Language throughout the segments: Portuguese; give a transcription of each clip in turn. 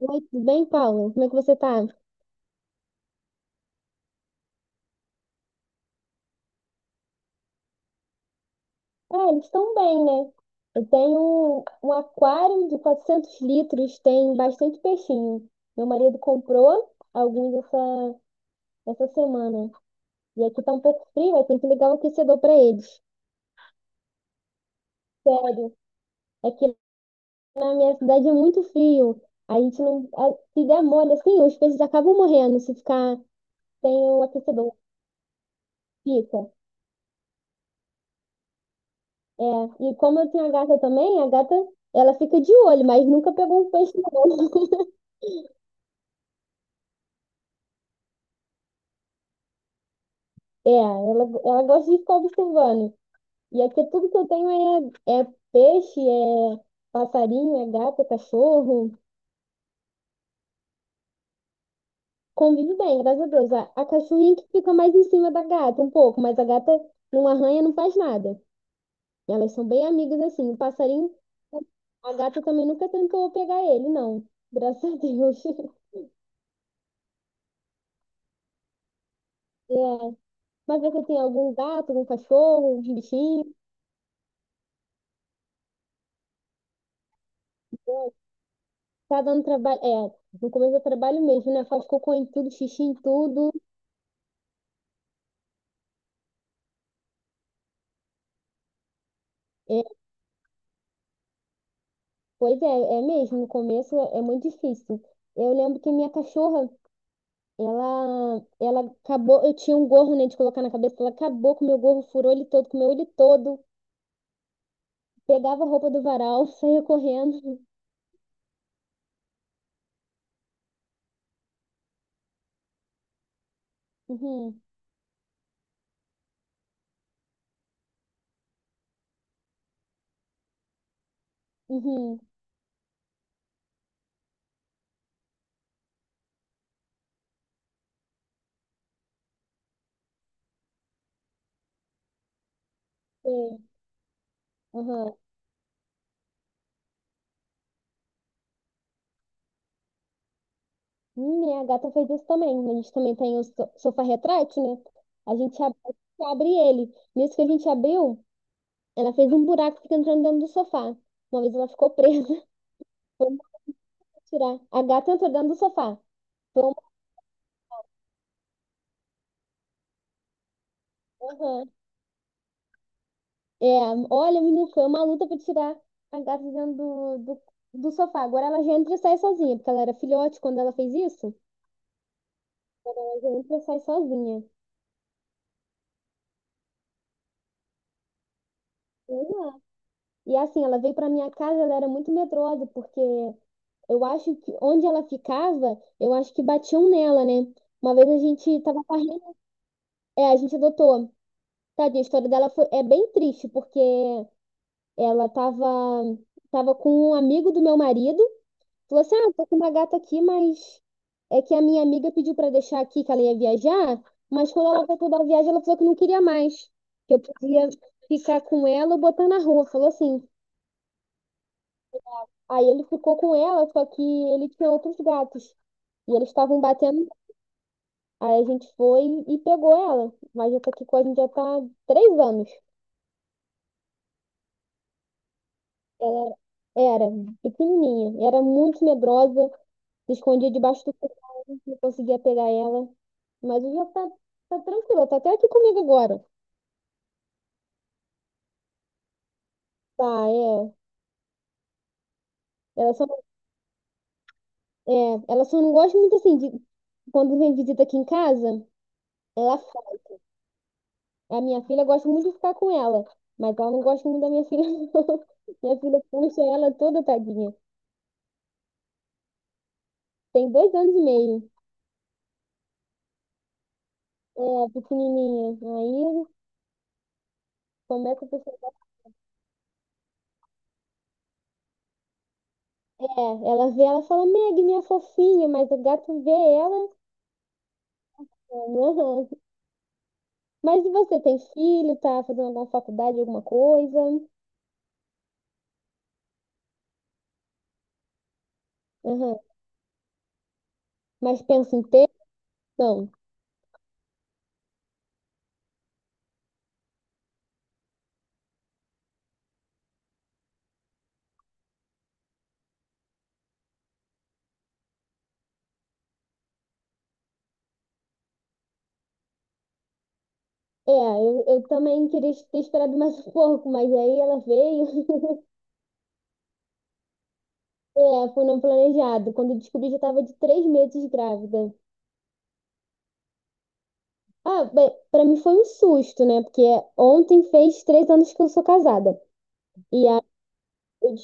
Oi, tudo bem, Paulo? Como é que você tá? Ah, eles estão bem, né? Eu tenho um aquário de 400 litros, tem bastante peixinho. Meu marido comprou alguns essa semana. E aqui tá um pouco frio, eu tenho que ligar o aquecedor para eles. Sério, aqui na minha cidade é muito frio. A gente não. Se der mole, assim, os peixes acabam morrendo se ficar sem o aquecedor. Fica. É. E como eu tenho a gata também, ela fica de olho, mas nunca pegou um peixe, não. É, ela gosta de ficar observando. E aqui tudo que eu tenho é peixe, é passarinho, é gato, é cachorro. Convive bem, graças a Deus. A cachorrinha que fica mais em cima da gata, um pouco, mas a gata não arranha, não faz nada. Elas são bem amigas assim. O passarinho, a gata também nunca tentou pegar ele, não. Graças a Deus. É. Mas você tem algum gato, algum cachorro, um bichinho? Tá dando trabalho. É, no começo do trabalho mesmo, né? Faz cocô em tudo, xixi em tudo. É, pois é, é mesmo, no começo é muito difícil. Eu lembro que minha cachorra, ela acabou, eu tinha um gorro, né, de colocar na cabeça, ela acabou com o meu gorro, furou ele todo, comeu ele todo, pegava a roupa do varal, saía correndo. Uhum, uhum, sim, uhum. Minha gata fez isso também, a gente também tem o sofá retrátil, né, a gente abre ele. Nisso que a gente abriu, ela fez um buraco, e fica entrando dentro do sofá. Uma vez ela ficou presa, foi mal tirar. A gata entrou dentro do sofá. Aham. É, olha, menino, foi uma luta pra tirar a gata de dentro do sofá. Agora ela já entra e sai sozinha, porque ela era filhote quando ela fez isso. Ela já entra e sai sozinha. Pois é. E assim, ela veio pra minha casa, ela era muito medrosa, porque eu acho que onde ela ficava, eu acho que batiam nela, né? Uma vez a gente tava correndo. É, a gente adotou. Tadinha, a história dela foi, é bem triste, porque ela tava com um amigo do meu marido. Falou assim: ah, tô com uma gata aqui, mas é que a minha amiga pediu pra deixar aqui que ela ia viajar, mas quando ela voltou da viagem, ela falou que não queria mais, que eu podia ficar com ela ou botar na rua. Falou assim. Aí ele ficou com ela, só que ele tinha outros gatos. E eles estavam batendo. Aí a gente foi e pegou ela. Mas já tá aqui com a gente, já tá há 3 anos. Ela era pequenininha, era muito medrosa, se escondia debaixo do colchão, não conseguia pegar ela. Mas hoje ela tá tranquila, tá até aqui comigo agora. Tá, é. Ela só, é, ela só não gosta muito assim de quando vem visita aqui em casa, ela fala. A minha filha gosta muito de ficar com ela, mas ela não gosta muito da minha filha, não. Minha filha puxa ela toda tadinha. Tem 2 anos e meio. É, pequenininha. Aí começa a puxar. É, ela vê ela e fala, Meg, minha fofinha, mas o gato vê ela. Aham. Mas e você tem filho, tá fazendo alguma faculdade, alguma coisa? Aham. Mas pensa em ter? Não. É, eu também queria ter esperado mais um pouco, mas aí ela veio. É, foi não planejado. Quando eu descobri, já estava de 3 meses grávida. Ah, bem, pra mim foi um susto, né? Porque ontem fez 3 anos que eu sou casada. E aí eu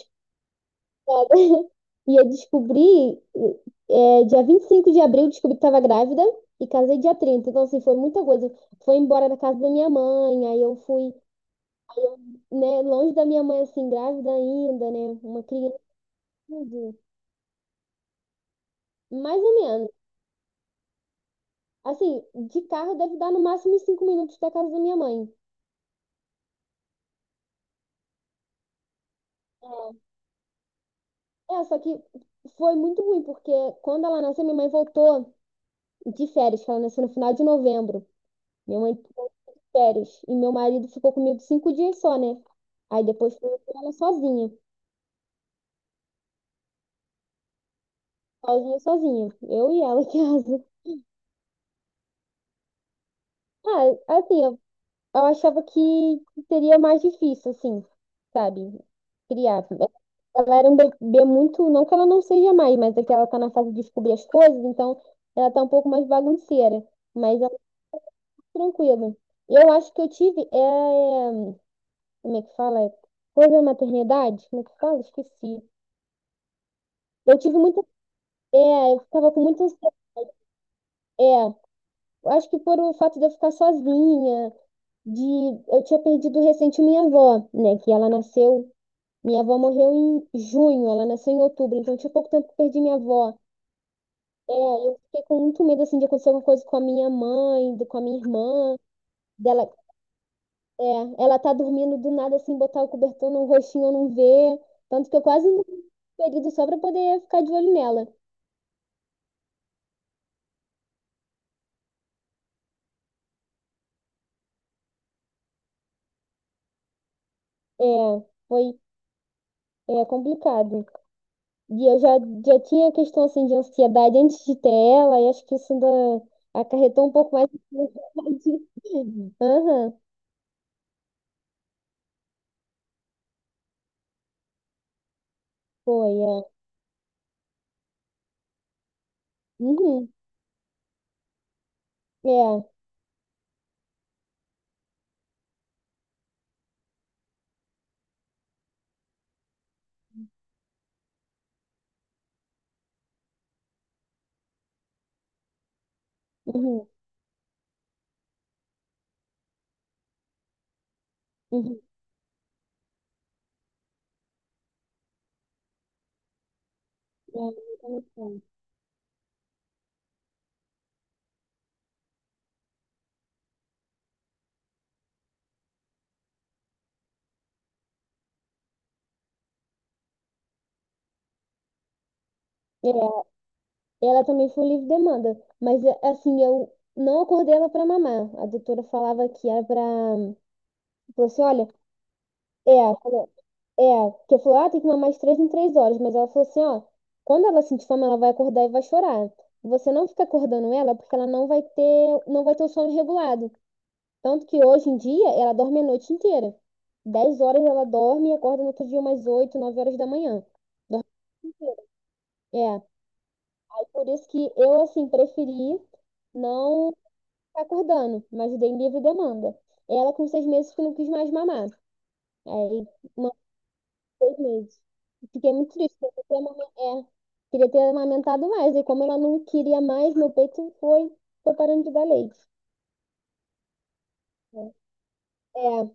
E eu descobri, dia 25 de abril, eu descobri que tava grávida e casei dia 30. Então, assim, foi muita coisa. Foi embora da casa da minha mãe, aí eu fui, né, longe da minha mãe, assim, grávida ainda, né? Uma criança. Mais ou menos. Assim, de carro deve dar no máximo uns 5 minutos da casa da minha mãe. É, só que foi muito ruim, porque quando ela nasceu, minha mãe voltou de férias, que ela nasceu no final de novembro. Minha mãe férias. E meu marido ficou comigo 5 dias só, né? Aí depois foi eu com ela sozinha. Sozinha, sozinha. Eu e ela em casa. Ah, assim, eu achava que seria mais difícil, assim, sabe? Criar. Ela era um bebê muito. Não que ela não seja mais, mas é que ela tá na fase de descobrir as coisas, então ela tá um pouco mais bagunceira. Mas ela é tranquila. Eu acho que eu tive. É, como é que fala? Coisa da maternidade? Como é que fala? Esqueci. Eu tive muita É, eu ficava com muita ansiedade. É, eu acho que por o fato de eu ficar sozinha, de eu tinha perdido recente minha avó, né? Que ela nasceu, minha avó morreu em junho, ela nasceu em outubro, então tinha pouco tempo que perdi minha avó. É, eu fiquei com muito medo assim de acontecer alguma coisa com a minha mãe, com a minha irmã, dela, é, ela tá dormindo do nada assim, botar o cobertor no rostinho eu não ver, tanto que eu quase não período só pra poder ficar de olho nela. É, foi, é complicado. E eu já tinha questão assim de ansiedade antes de ter ela, e acho que isso ainda acarretou um pouco mais de ansiedade. Aham, foi, é. Uhum, é. Uhum, uhum, é. É, é. Ela também foi livre demanda, mas é, assim, eu não acordei ela para mamar. A doutora falava que era para. Falou assim: olha, é, falou, É, porque falou, ah, tem que mamar de 3 em 3 horas. Mas ela falou assim, ó, quando ela sentir fome, ela vai acordar e vai chorar. Você não fica acordando ela porque ela não vai ter o sono regulado. Tanto que hoje em dia ela dorme a noite inteira. 10 horas ela dorme e acorda no outro dia umas 8, 9 horas da manhã. Dor- É, aí por isso que eu, assim, preferi não ficar acordando, mas dei livre demanda. Ela com 6 meses que não quis mais mamar. Aí 6 meses. Fiquei muito triste, porque eu queria ter amamentado mais. E como ela não queria mais, meu peito foi parando de dar leite. É,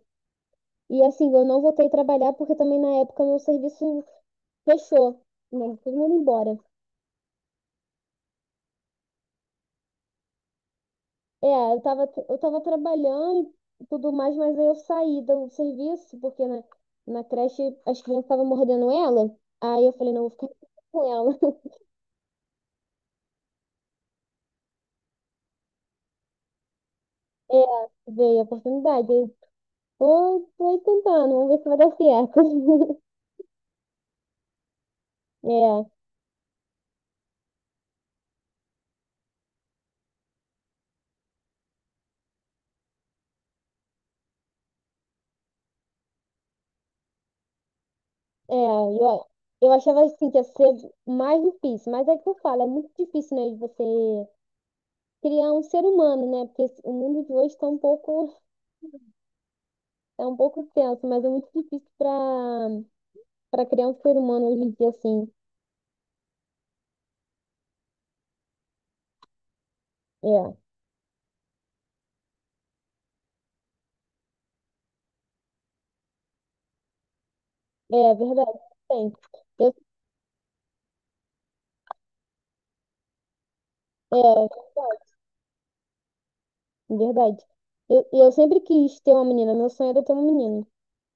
e assim, eu não voltei a trabalhar porque também na época meu serviço fechou, né? Todo mundo embora. É, eu tava trabalhando e tudo mais, mas aí eu saí do serviço porque na creche as crianças estavam mordendo ela. Aí eu falei, não, eu vou ficar com ela. É, veio a oportunidade. Tô tentando, vamos ver se vai dar certo. É, é, eu achava assim que ia ser mais difícil, mas é que eu falo, é muito difícil, né, de você criar um ser humano, né? Porque o mundo de hoje tá um pouco, é um pouco tenso, mas é muito difícil para criar um ser humano hoje em dia, assim. É, é verdade, tem. Eu, é, verdade. Eu sempre quis ter uma menina, meu sonho era ter uma menina.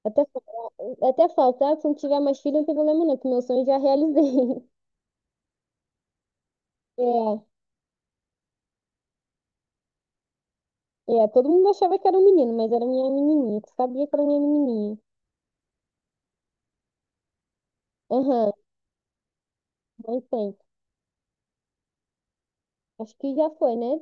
Até faltar, se não tiver mais filho, não tem problema não, que meu sonho eu já realizei. É, é, todo mundo achava que era um menino, mas era minha menininha, tu sabia que era minha menininha. Aham, não sei. Acho que já foi, né?